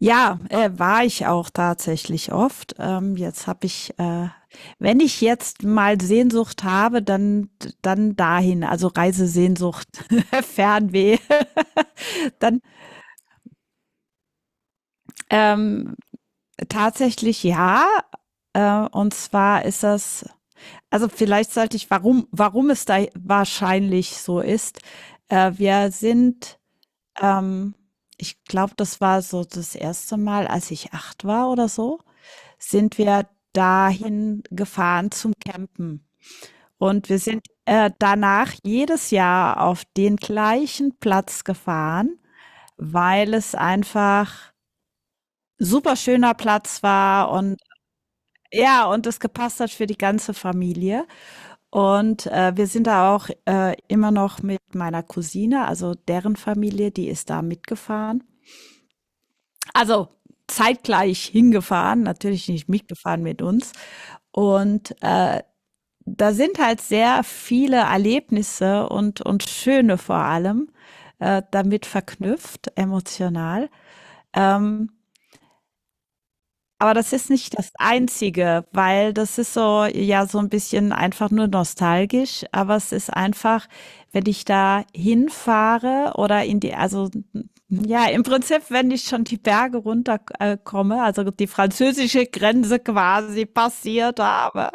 Ja, war ich auch tatsächlich oft. Jetzt habe ich, wenn ich jetzt mal Sehnsucht habe, dann dahin, also Reisesehnsucht, Fernweh, dann ähm, tatsächlich ja. Und zwar ist das, also vielleicht sollte ich, warum es da wahrscheinlich so ist. Wir sind ähm, Ich glaube, das war so das erste Mal, als ich 8 war oder so, sind wir dahin gefahren zum Campen. Und wir sind danach jedes Jahr auf den gleichen Platz gefahren, weil es einfach super schöner Platz war und ja, und es gepasst hat für die ganze Familie. Und wir sind da auch immer noch mit meiner Cousine, also deren Familie, die ist da mitgefahren. Also zeitgleich hingefahren, natürlich nicht mitgefahren mit uns. Und da sind halt sehr viele Erlebnisse und schöne vor allem damit verknüpft, emotional. Ähm, aber das ist nicht das Einzige, weil das ist so, ja, so ein bisschen einfach nur nostalgisch, aber es ist einfach, wenn ich da hinfahre oder in die, also ja, im Prinzip, wenn ich schon die Berge runterkomme, also die französische Grenze quasi passiert habe,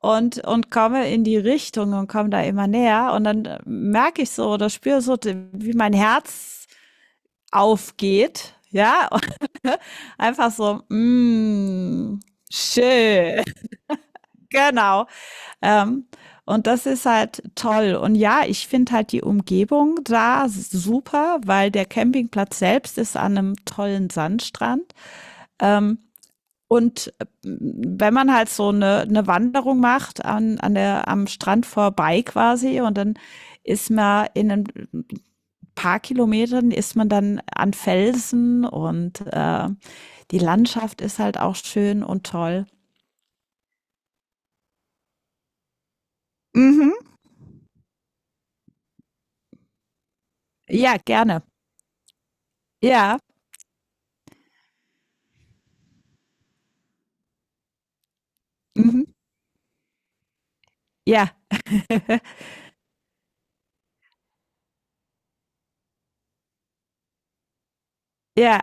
und komme in die Richtung und komme da immer näher. Und dann merke ich so oder spüre so, wie mein Herz aufgeht. Ja, und einfach so, schön, genau. Ähm, und das ist halt toll. Und ja, ich finde halt die Umgebung da super, weil der Campingplatz selbst ist an einem tollen Sandstrand. Ähm, Und wenn man halt so eine Wanderung macht am Strand vorbei quasi und dann ist man in ein paar Kilometern ist man dann an Felsen und die Landschaft ist halt auch schön und toll. Mhm. Ja, gerne. Ja. Mhm. Ja. Ja.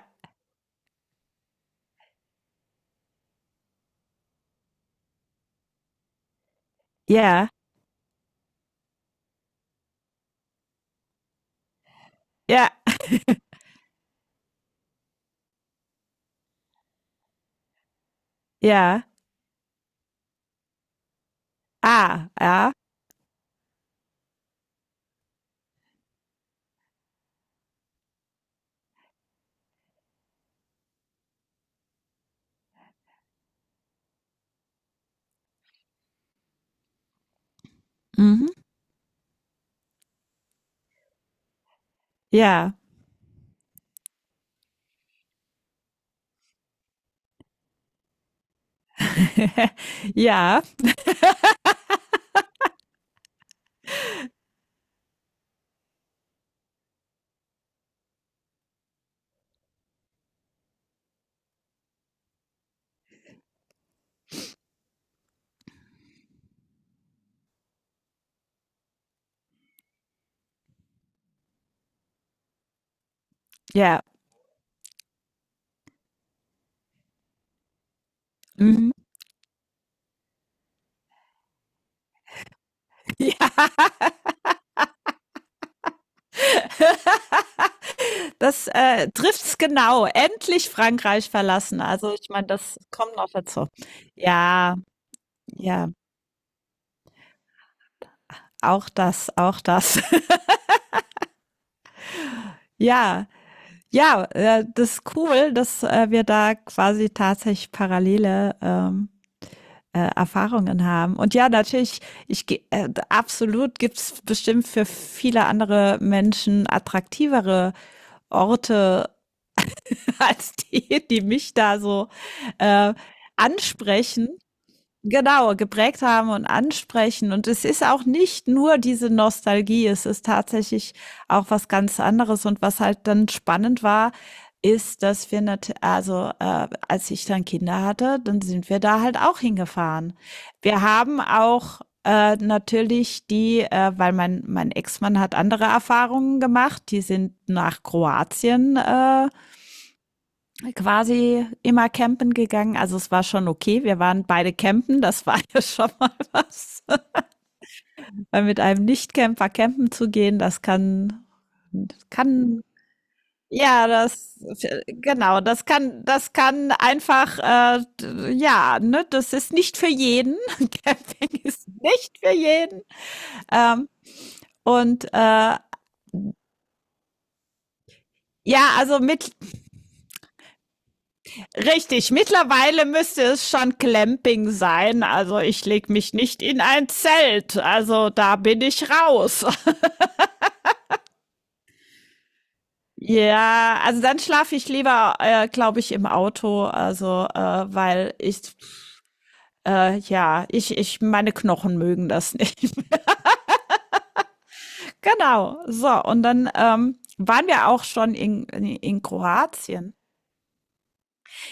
Ja. Ja. Ja. Ah. Ja. Mhm. Ja. Ja. Ja. Mhm. Ja. Das trifft's genau. Endlich Frankreich verlassen. Also ich meine, das kommt noch dazu. Ja, ja, auch das, auch das. Ja, ja, das ist cool, dass wir da quasi tatsächlich parallele Erfahrungen haben. Und ja, natürlich, absolut gibt's bestimmt für viele andere Menschen attraktivere Orte als die, die mich da so äh, ansprechen. Genau, geprägt haben und ansprechen. Und es ist auch nicht nur diese Nostalgie, es ist tatsächlich auch was ganz anderes. Und was halt dann spannend war, ist, dass wir nat also als ich dann Kinder hatte, dann sind wir da halt auch hingefahren. Wir haben auch natürlich die, weil mein Ex-Mann hat andere Erfahrungen gemacht. Die sind nach Kroatien quasi immer campen gegangen. Also es war schon okay. Wir waren beide campen. Das war ja schon mal was. Weil mit einem Nicht-Camper campen zu gehen, das kann, kann, ja, das, genau, das kann einfach, ja, ne, das ist nicht für jeden. Camping ist nicht für jeden. Ähm, und ja, also mit. Richtig, mittlerweile müsste es schon Clamping sein. Also ich lege mich nicht in ein Zelt. Also da bin ich raus. Ja, also dann schlafe ich lieber, glaube ich, im Auto. Also, weil ich, ja, ich, meine Knochen mögen das nicht. Genau. So, und dann waren wir auch schon in Kroatien.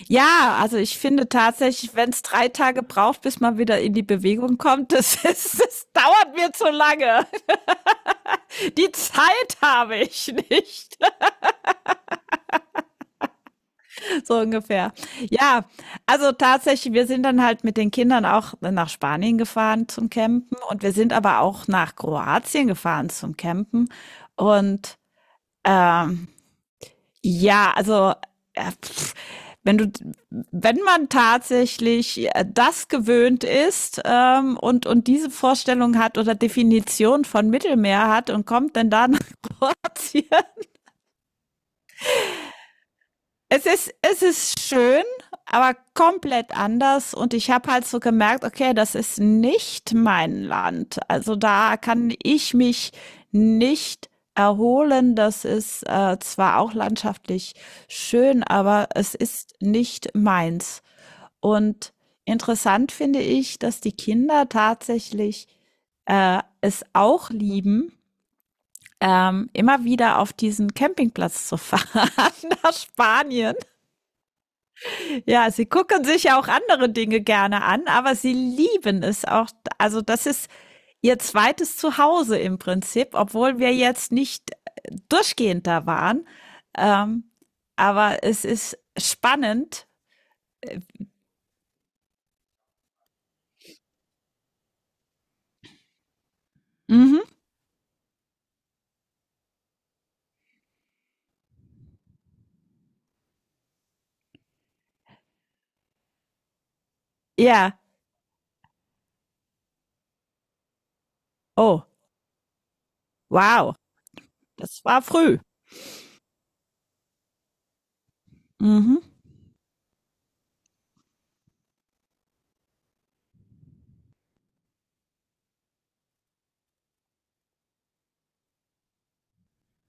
Ja, also ich finde tatsächlich, wenn es 3 Tage braucht, bis man wieder in die Bewegung kommt, das, ist, das dauert mir zu lange. Die Zeit habe ich nicht. So ungefähr. Ja, also tatsächlich, wir sind dann halt mit den Kindern auch nach Spanien gefahren zum Campen und wir sind aber auch nach Kroatien gefahren zum Campen. Und ähm, ja, also, äh, pff, wenn du wenn man tatsächlich das gewöhnt ist, und diese Vorstellung hat oder Definition von Mittelmeer hat und kommt dann da nach Kroatien. Es ist schön, aber komplett anders und ich habe halt so gemerkt: „Okay, das ist nicht mein Land.“ Also, da kann ich mich nicht erholen. Das ist, zwar auch landschaftlich schön, aber es ist nicht meins. Und interessant finde ich, dass die Kinder tatsächlich, es auch lieben, immer wieder auf diesen Campingplatz zu fahren nach Spanien. Ja, sie gucken sich ja auch andere Dinge gerne an, aber sie lieben es auch. Also das ist ihr zweites Zuhause im Prinzip, obwohl wir jetzt nicht durchgehend da waren. Ähm, aber es ist spannend. Mhm. Ja, oh, wow, das war früh. Mhm.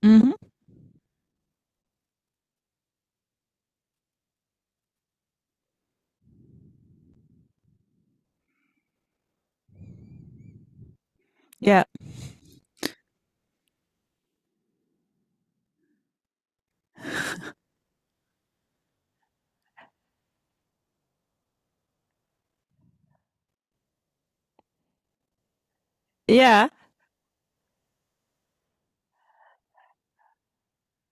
Mhm. Ja. Ja,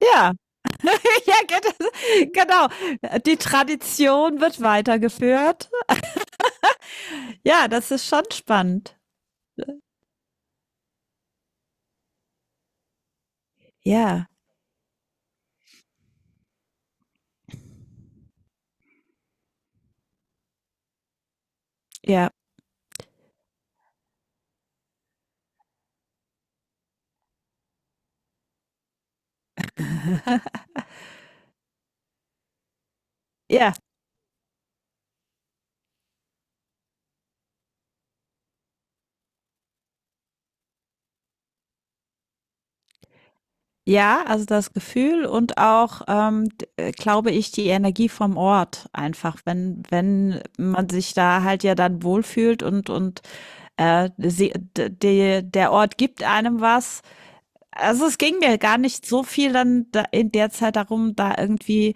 ja, ja, genau. Die Tradition wird weitergeführt. Ja, das ist schon spannend. Ja, ja, ja. Ja, also das Gefühl und auch, d glaube ich, die Energie vom Ort einfach, wenn man sich da halt ja dann wohlfühlt und, sie d de der Ort gibt einem was. Also, es ging mir gar nicht so viel dann da in der Zeit darum, da irgendwie,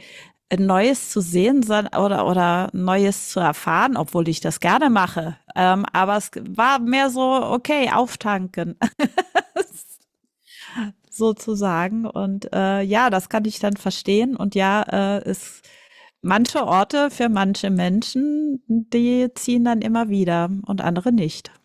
Neues zu sehen, son oder Neues zu erfahren, obwohl ich das gerne mache. Aber es war mehr so: „Okay, auftanken.“ sozusagen. Und ja, das kann ich dann verstehen. Und ja, ist manche Orte für manche Menschen, die ziehen dann immer wieder und andere nicht.